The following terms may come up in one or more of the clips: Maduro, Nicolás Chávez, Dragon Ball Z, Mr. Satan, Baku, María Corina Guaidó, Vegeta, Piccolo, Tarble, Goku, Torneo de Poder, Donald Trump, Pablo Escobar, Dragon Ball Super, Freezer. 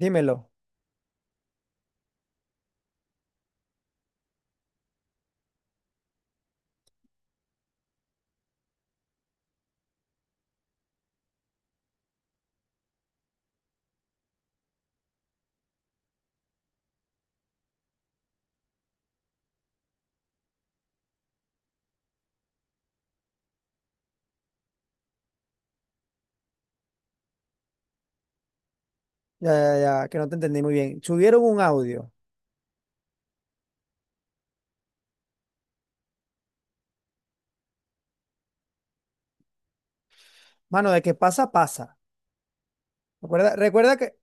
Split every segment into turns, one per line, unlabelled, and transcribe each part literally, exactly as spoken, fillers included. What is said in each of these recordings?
Dímelo. Ya, ya, ya, que no te entendí muy bien. Subieron un audio. Mano, de que pasa, pasa. Recuerda, recuerda que.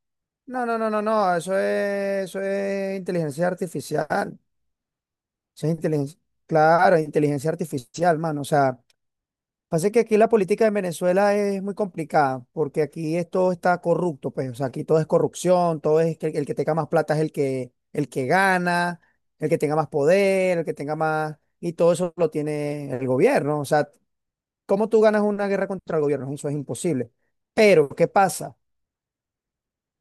No, no, no, no, no. Eso es, eso es inteligencia artificial. Eso es inteligencia. Claro, inteligencia artificial, mano. O sea, pasa que aquí la política en Venezuela es muy complicada, porque aquí es- todo está corrupto, pues, o sea, aquí todo es corrupción, todo es que el, que tenga más plata es el que, el que gana, el que tenga más poder, el que tenga más, y todo eso lo tiene el gobierno. O sea, ¿cómo tú ganas una guerra contra el gobierno? Eso es imposible. Pero, ¿qué pasa?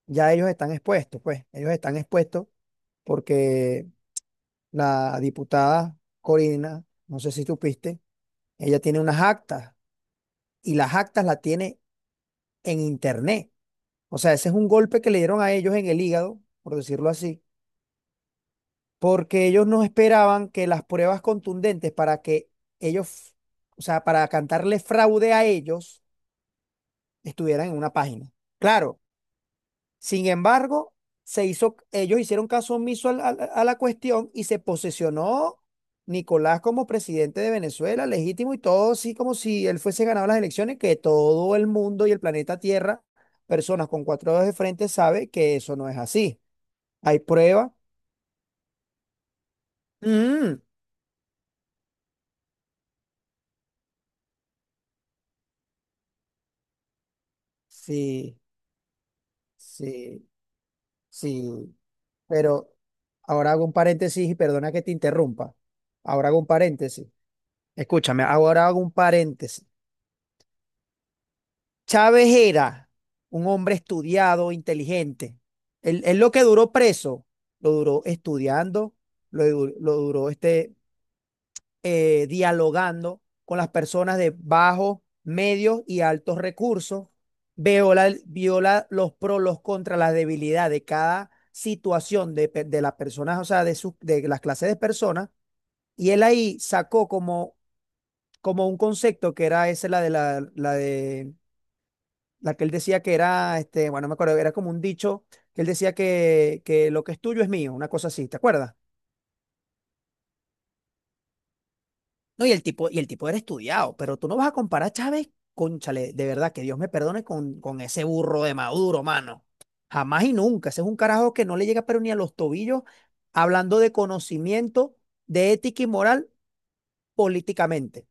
Ya ellos están expuestos, pues, ellos están expuestos porque la diputada Corina, no sé si supiste, ella tiene unas actas, y las actas las tiene en internet. O sea, ese es un golpe que le dieron a ellos en el hígado, por decirlo así, porque ellos no esperaban que las pruebas contundentes para que ellos, o sea, para cantarle fraude a ellos, estuvieran en una página. Claro. Sin embargo, se hizo, ellos hicieron caso omiso al- al- a la cuestión y se posesionó Nicolás como presidente de Venezuela, legítimo y todo así como si él fuese ganado las elecciones, que todo el mundo y el planeta Tierra, personas con cuatro dedos de frente, sabe que eso no es así. Hay pruebas. Mm, sí, sí, sí. Pero ahora hago un paréntesis y perdona que te interrumpa. Ahora hago un paréntesis. Escúchame, ahora hago un paréntesis. Chávez era un hombre estudiado, inteligente. Él, él lo que duró preso, lo duró estudiando, lo, lo duró este, eh, dialogando con las personas de bajos, medios y altos recursos. Viola, viola los pros, los contras, las debilidades de cada situación de, de las personas, o sea, de, sus- de las clases de personas. Y él ahí sacó como, como un concepto que era ese, la de la, la de la que él decía que era, este, bueno, no me acuerdo, era como un dicho que él decía que, que lo que es tuyo es mío, una cosa así, ¿te acuerdas? No, y el tipo, y el tipo era estudiado, pero tú no vas a comparar a Chávez con Chale, de verdad, que Dios me perdone con, con ese burro de Maduro, mano. Jamás y nunca. Ese es un carajo que no le llega pero ni a los tobillos, hablando de conocimiento, de ética y moral políticamente.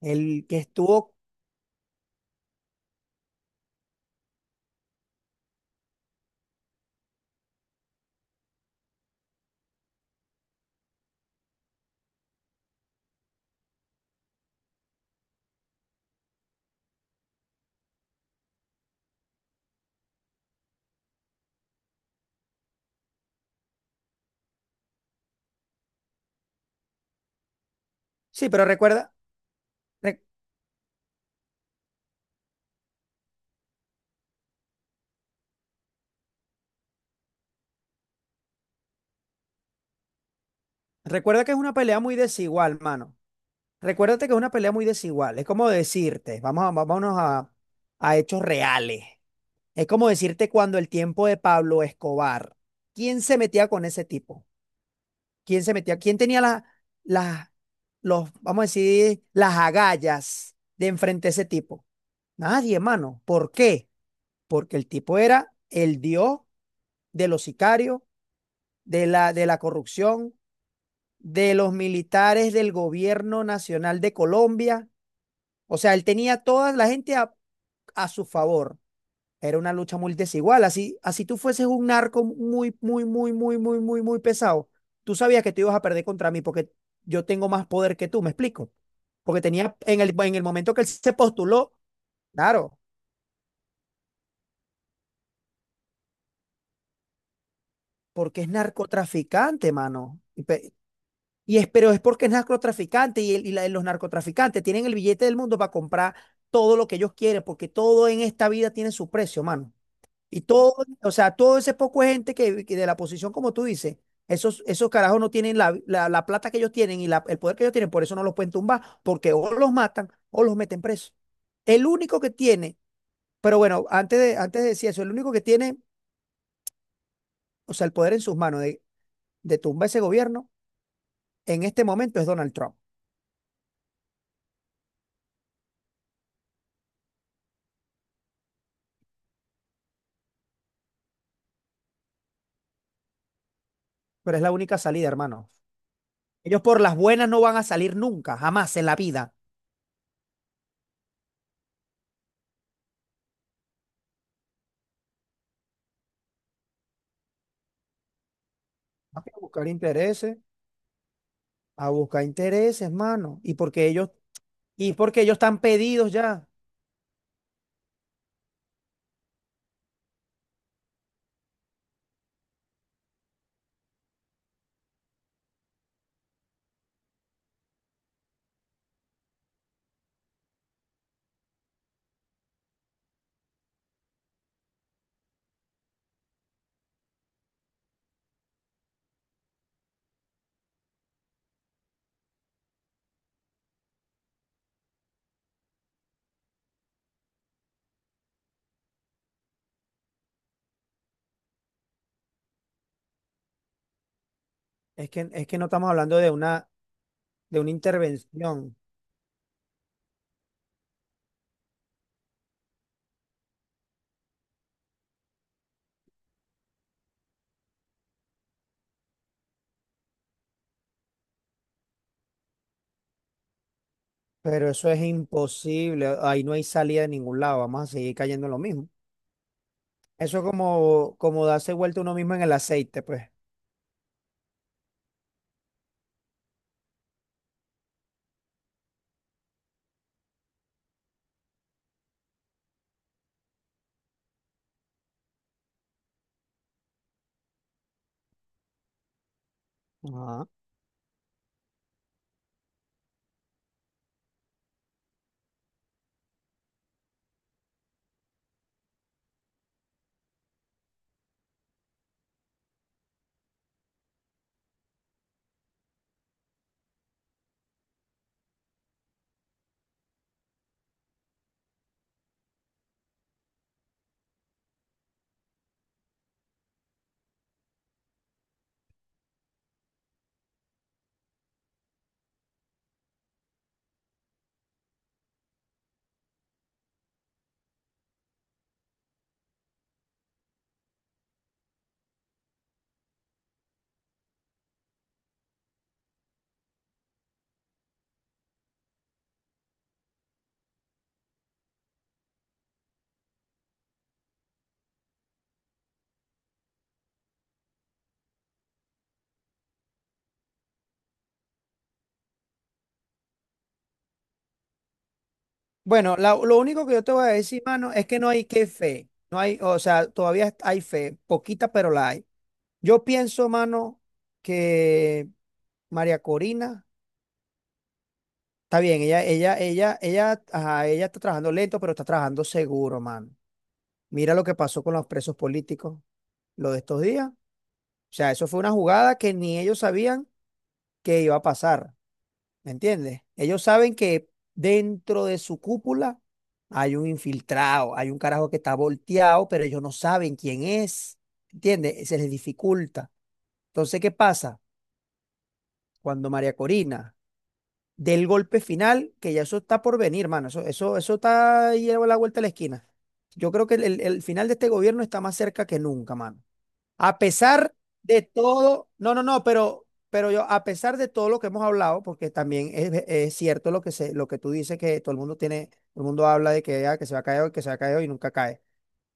El que estuvo, sí, pero recuerda, re- recuerda que es una pelea muy desigual, mano. Recuérdate que es una pelea muy desigual. Es como decirte, vamos a, vámonos a, a hechos reales. Es como decirte cuando el tiempo de Pablo Escobar, ¿quién se metía con ese tipo? ¿Quién se metía? ¿Quién tenía la, la- los, vamos a decir, las agallas de enfrente a ese tipo? Nadie, hermano. ¿Por qué? Porque el tipo era el dios de los sicarios, de la, de la corrupción, de los militares del gobierno nacional de Colombia. O sea, él tenía toda la gente a, a su favor. Era una lucha muy desigual. Así, así tú fueses un narco muy, muy, muy, muy, muy, muy, muy pesado. Tú sabías que tú ibas a perder contra mí porque yo tengo más poder que tú, ¿me explico? Porque tenía, en el, en el momento que él se postuló, claro, porque es narcotraficante, mano. Y, pe- y es, pero es porque es narcotraficante y, el- y la- los narcotraficantes tienen el billete del mundo para comprar todo lo que ellos quieren, porque todo en esta vida tiene su precio, mano. Y todo, o sea, todo ese poco de gente que, que de la posición, como tú dices, esos, esos carajos no tienen la, la- la plata que ellos tienen y la- el poder que ellos tienen, por eso no los pueden tumbar, porque o los matan o los meten presos. El único que tiene, pero bueno, antes de, antes de decir eso, el único que tiene, o sea, el poder en sus manos de, de tumbar ese gobierno en este momento es Donald Trump. Pero es la única salida, hermano. Ellos por las buenas no van a salir nunca, jamás en la vida. A buscar intereses, a buscar intereses, hermano. Y porque ellos y es porque ellos están pedidos ya. Es que, es que no estamos hablando de una, de una intervención, pero eso es imposible. Ahí no hay salida de ningún lado. Vamos a seguir cayendo en lo mismo. Eso es como, como darse vuelta uno mismo en el aceite, pues. Ajá. Bueno, la- lo único que yo te voy a decir, mano, es que no hay que fe. No hay, o sea, todavía hay fe, poquita, pero la hay. Yo pienso, mano, que María Corina, está bien, ella, ella, ella, ella, ajá, ella está trabajando lento, pero está trabajando seguro, mano. Mira lo que pasó con los presos políticos, lo de estos días. O sea, eso fue una jugada que ni ellos sabían que iba a pasar, ¿me entiendes? Ellos saben que dentro de su cúpula hay un infiltrado, hay un carajo que está volteado, pero ellos no saben quién es, ¿entiendes? Se les dificulta. Entonces, ¿qué pasa? Cuando María Corina del golpe final, que ya eso está por venir, mano, eso, eso, eso está ahí a la vuelta de la esquina. Yo creo que el el- el final de este gobierno está más cerca que nunca, mano. A pesar de todo, no, no, no, pero, pero yo, a pesar de todo lo que hemos hablado, porque también es, es cierto lo que se, lo que tú dices, que todo el mundo tiene, todo el mundo habla de que, ah, que se va a caer hoy, que se va a caer hoy y nunca cae.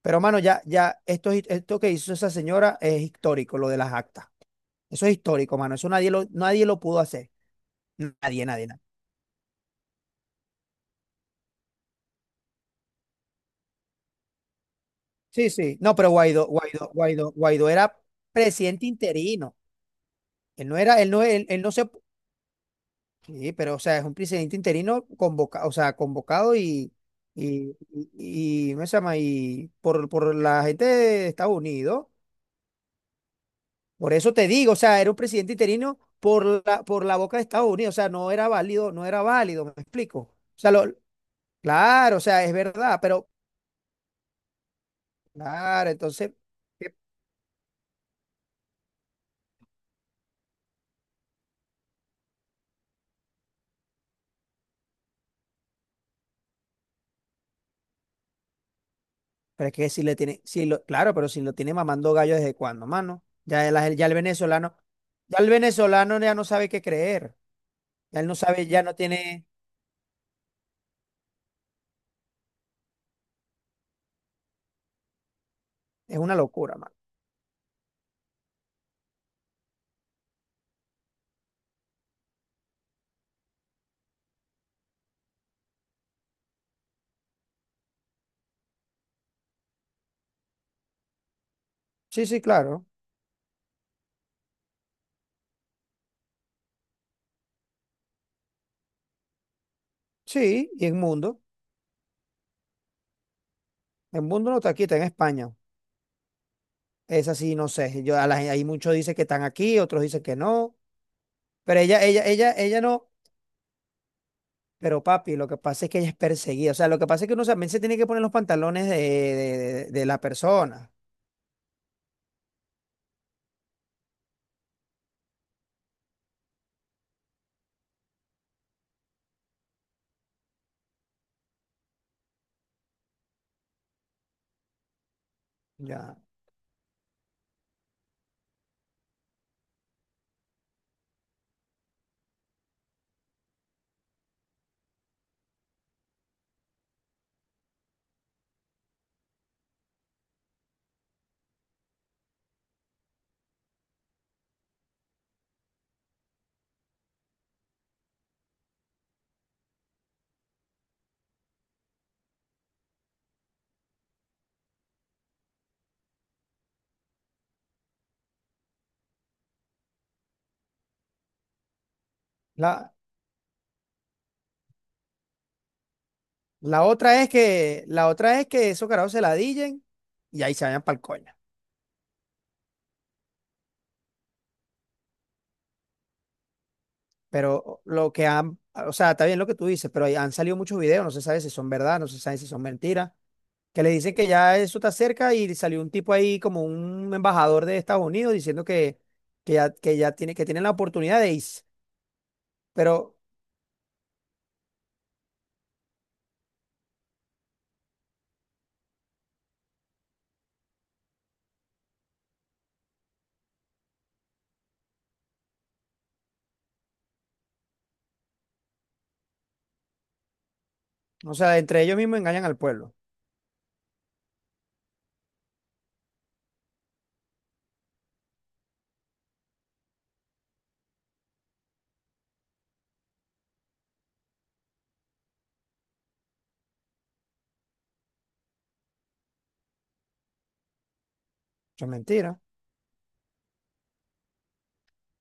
Pero mano, ya, ya, esto, es- esto que hizo esa señora es histórico, lo de las actas. Eso es histórico, mano. Eso nadie lo, nadie lo pudo hacer. Nadie, nadie, nadie. Sí, sí. No, pero Guaidó, Guaidó, Guaidó, Guaidó era presidente interino. Él no era, él no, él, él no se, sí, pero o sea, es un presidente interino convoca o sea, convocado y, y, y, y- ¿cómo se llama? Y por, por la gente de Estados Unidos. Por eso te digo, o sea, era un presidente interino por la, por la boca de Estados Unidos. O sea, no era válido, no era válido, ¿me explico? O sea, lo, claro, o sea, es verdad, pero claro, entonces, ¿qué? Pero es que si le tiene, si lo, claro, pero si lo tiene mamando gallo desde cuándo, mano. Ya el, ya el venezolano, ya el venezolano ya no sabe qué creer. Ya él no sabe, ya no tiene. Es una locura, man. Sí, sí, claro. Sí, y en mundo. En mundo no está aquí, está en España. Es así, no sé. Yo, a la gen- hay muchos dicen que están aquí, otros dicen que no. Pero ella, ella, ella, ella no. Pero papi, lo que pasa es que ella es perseguida. O sea, lo que pasa es que uno también se tiene que poner los pantalones de, de- de- de la persona. Ya. La, la otra es que, la otra es que esos carajos se la dillen y ahí se vayan pa'l coño. Pero lo que han, o sea, está bien lo que tú dices, pero ahí han salido muchos videos, no se sabe si son verdad, no se sabe si son mentiras, que le dicen que ya eso está cerca y salió un tipo ahí como un embajador de Estados Unidos diciendo que, que ya, que ya tiene, que tienen la oportunidad de irse. Pero, o sea, entre ellos mismos engañan al pueblo. Eso es mentira.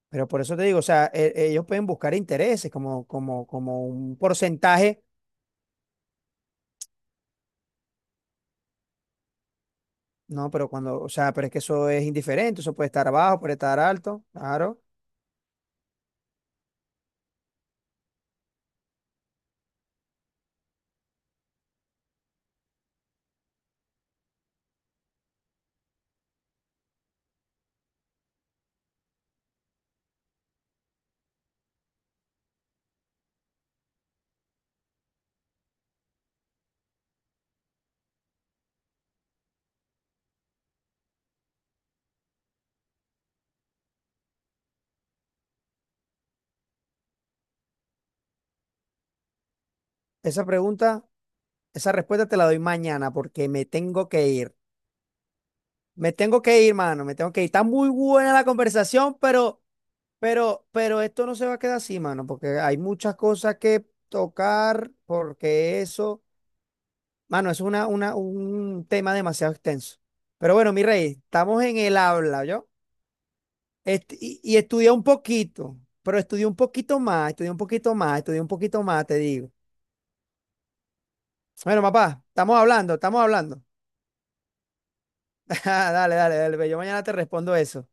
Pero por eso te digo, o sea, e- ellos pueden buscar intereses como, como, como un porcentaje. No, pero cuando, o sea, pero es que eso es indiferente, eso puede estar abajo, puede estar alto, claro. Esa pregunta, esa respuesta te la doy mañana porque me tengo que ir. Me tengo que ir, mano, me tengo que ir. Está muy buena la conversación, pero... Pero, pero esto no se va a quedar así, mano, porque hay muchas cosas que tocar, porque eso, mano, eso es una, una, un tema demasiado extenso. Pero bueno, mi rey, estamos en el habla, ¿yo? Est- y, y estudié un poquito, pero estudié un poquito más, estudié un poquito más, estudié un poquito más, te digo. Bueno, papá, estamos hablando, estamos hablando. Dale, dale, dale, ve, yo mañana te respondo eso.